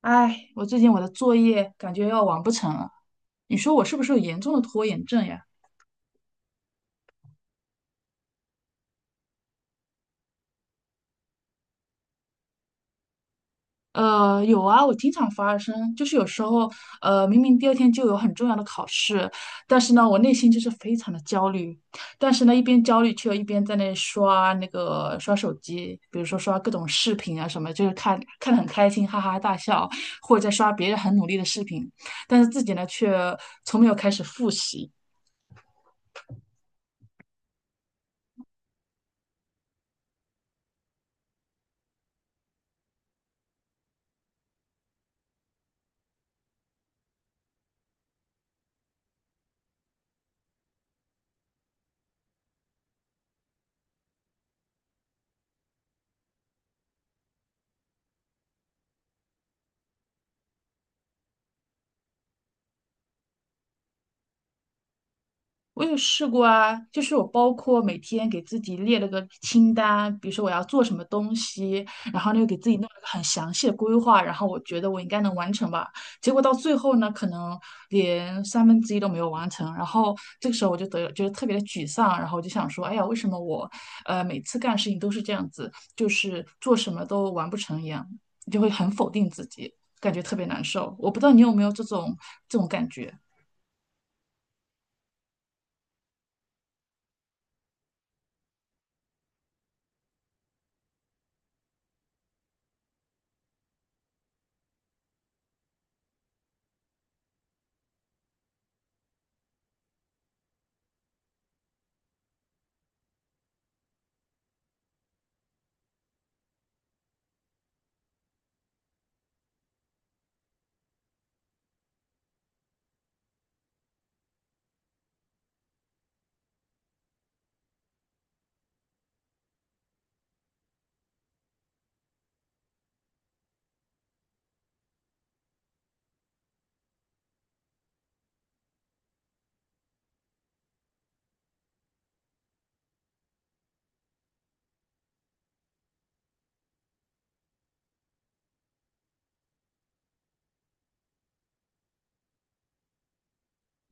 哎，我最近我的作业感觉要完不成了，你说我是不是有严重的拖延症呀？有啊，我经常发生，就是有时候，明明第二天就有很重要的考试，但是呢，我内心就是非常的焦虑，但是呢，一边焦虑却又一边在那刷那个刷手机，比如说刷各种视频啊什么，就是看看得很开心，哈哈大笑，或者在刷别人很努力的视频，但是自己呢却从没有开始复习。我有试过啊，就是我包括每天给自己列了个清单，比如说我要做什么东西，然后呢又给自己弄了个很详细的规划，然后我觉得我应该能完成吧。结果到最后呢，可能连三分之一都没有完成，然后这个时候我就得觉得特别的沮丧，然后我就想说，哎呀，为什么我每次干事情都是这样子，就是做什么都完不成一样，就会很否定自己，感觉特别难受。我不知道你有没有这种感觉。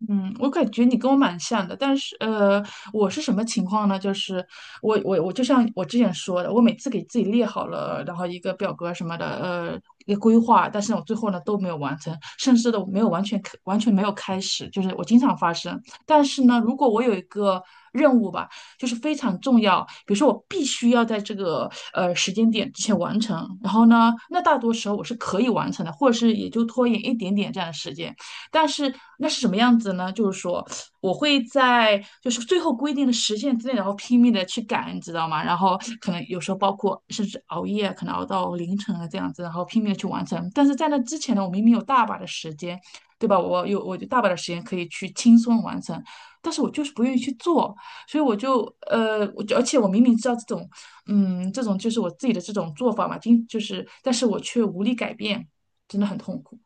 嗯，我感觉你跟我蛮像的，但是我是什么情况呢？就是我就像我之前说的，我每次给自己列好了，然后一个表格什么的，一个规划，但是我最后呢都没有完成，甚至都没有完全开完全没有开始，就是我经常发生。但是呢，如果我有一个任务吧，就是非常重要，比如说我必须要在这个时间点之前完成，然后呢，那大多时候我是可以完成的，或者是也就拖延一点点这样的时间。但是那是什么样子呢？就是说，我会在就是最后规定的时限之内，然后拼命的去赶，你知道吗？然后可能有时候包括甚至熬夜，可能熬到凌晨啊这样子，然后拼命的去完成。但是在那之前呢，我明明有大把的时间，对吧？我大把的时间可以去轻松完成，但是我就是不愿意去做，所以我就而且我明明知道这种，嗯，这种就是我自己的这种做法嘛，经就是，但是我却无力改变，真的很痛苦。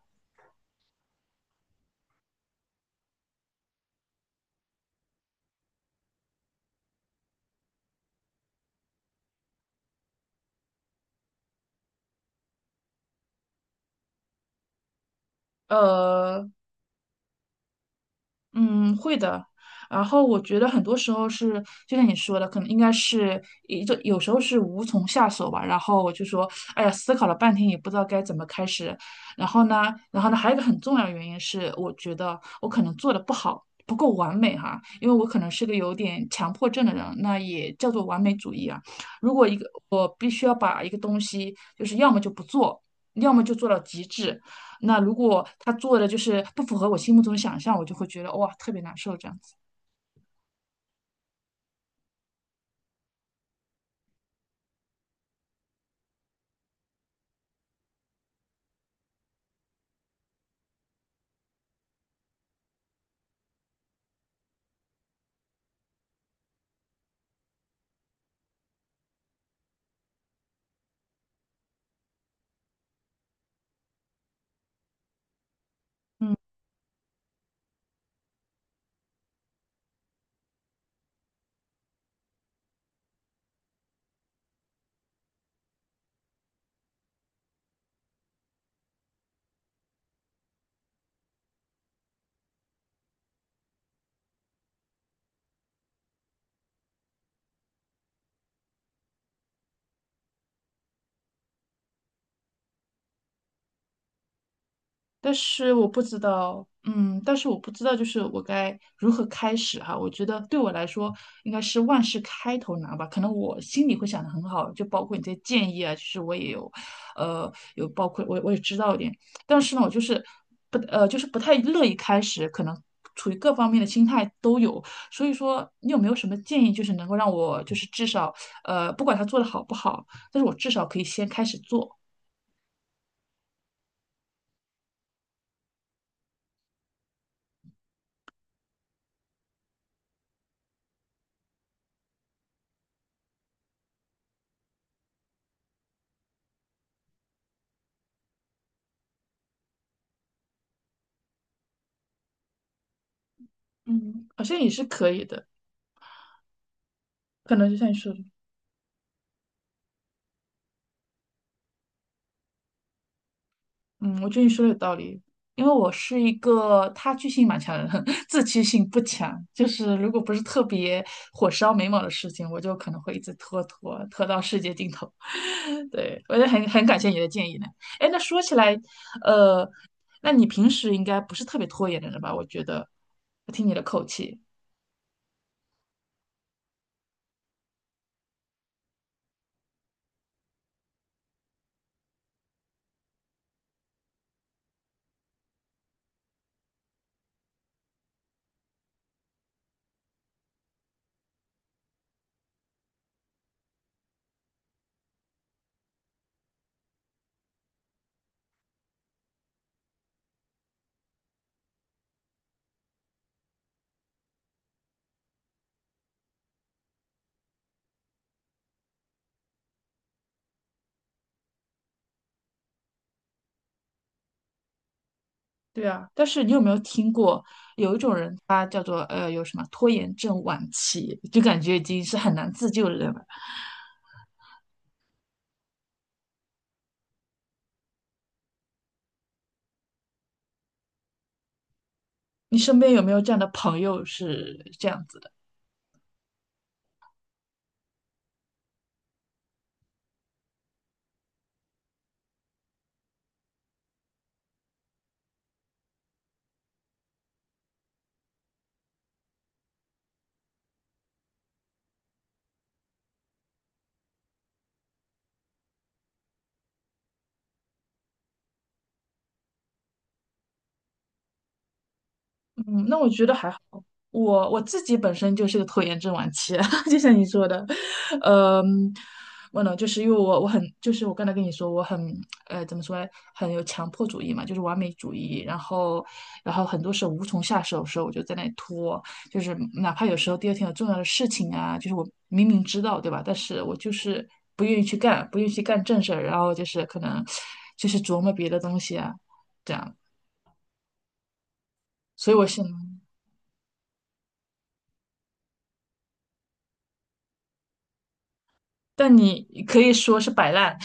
呃，嗯，会的。然后我觉得很多时候是，就像你说的，可能应该是一就有时候是无从下手吧。然后我就说，哎呀，思考了半天也不知道该怎么开始。然后呢，然后呢，还有一个很重要的原因是，我觉得我可能做的不好，不够完美哈，因为我可能是个有点强迫症的人，那也叫做完美主义啊。如果一个我必须要把一个东西，就是要么就不做，要么就做到极致。那如果他做的就是不符合我心目中的想象，我就会觉得哇特别难受这样。但是我不知道，就是我该如何开始哈。我觉得对我来说，应该是万事开头难吧。可能我心里会想的很好，就包括你这些建议啊，其实我也有，呃，有包括我也知道一点，但是呢，我就是不呃，就是不太乐意开始，可能处于各方面的心态都有。所以说，你有没有什么建议，就是能够让我就是至少不管他做的好不好，但是我至少可以先开始做，嗯。好像也是可以的。可能就像你说的。嗯，我觉得你说的有道理，因为我是一个他居性蛮强的人，自驱性不强。就是如果不是特别火烧眉毛的事情，我就可能会一直拖拖拖到世界尽头。对，我也很感谢你的建议呢。哎，那说起来，呃，那你平时应该不是特别拖延的人吧？我觉得，我听你的口气。对啊，但是你有没有听过有一种人，他叫做有什么拖延症晚期，就感觉已经是很难自救的人了。你身边有没有这样的朋友是这样子？嗯，那我觉得还好。我我自己本身就是个拖延症晚期，就像你说的，嗯，我呢，就是因为我我很，就是我刚才跟你说，我很，呃，怎么说呢，很有强迫主义嘛，就是完美主义，然后，然后很多时候无从下手的时候，我就在那里拖，就是哪怕有时候第二天有重要的事情啊，就是我明明知道，对吧？但是我就是不愿意去干，不愿意去干正事儿，然后就是可能就是琢磨别的东西啊，这样，所以我现但你可以说是摆烂，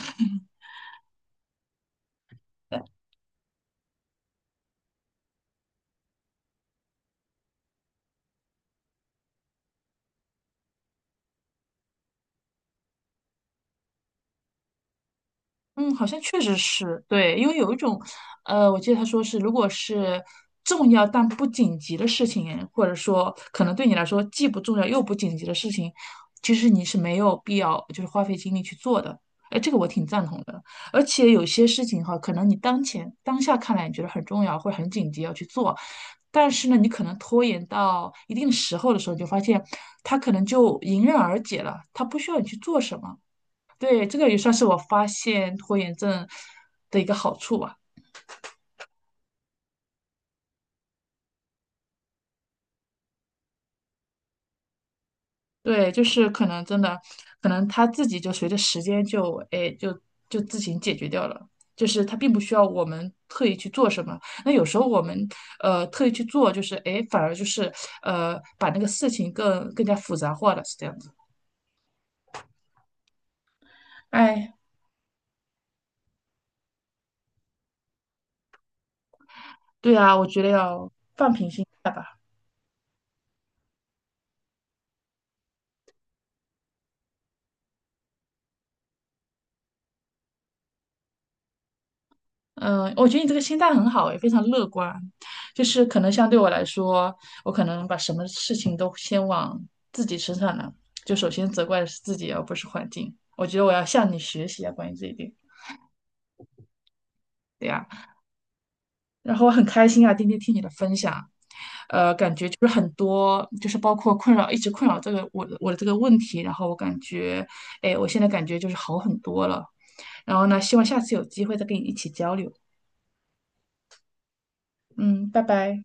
嗯，好像确实是对，因为有一种，我记得他说是，如果是重要但不紧急的事情，或者说可能对你来说既不重要又不紧急的事情，其实你是没有必要就是花费精力去做的。哎，这个我挺赞同的。而且有些事情哈，可能你当前当下看来你觉得很重要或者很紧急要去做，但是呢，你可能拖延到一定时候的时候，你就发现它可能就迎刃而解了，它不需要你去做什么。对，这个也算是我发现拖延症的一个好处吧。对，就是可能真的，可能他自己就随着时间就，哎，就自行解决掉了。就是他并不需要我们特意去做什么。那有时候我们特意去做，就是哎，反而就是把那个事情更加复杂化了，是这样子。哎，对啊，我觉得要。嗯，我觉得你这个心态很好，也非常乐观。就是可能相对我来说，我可能把什么事情都先往自己身上呢，就首先责怪的是自己，而不是环境。我觉得我要向你学习啊，关于这一点。对呀，然后我很开心啊，今天听你的分享，呃，感觉就是很多，就是包括困扰，一直困扰这个我的这个问题，然后我感觉，哎，我现在感觉就是好很多了。然后呢，希望下次有机会再跟你一起交流。嗯，拜拜。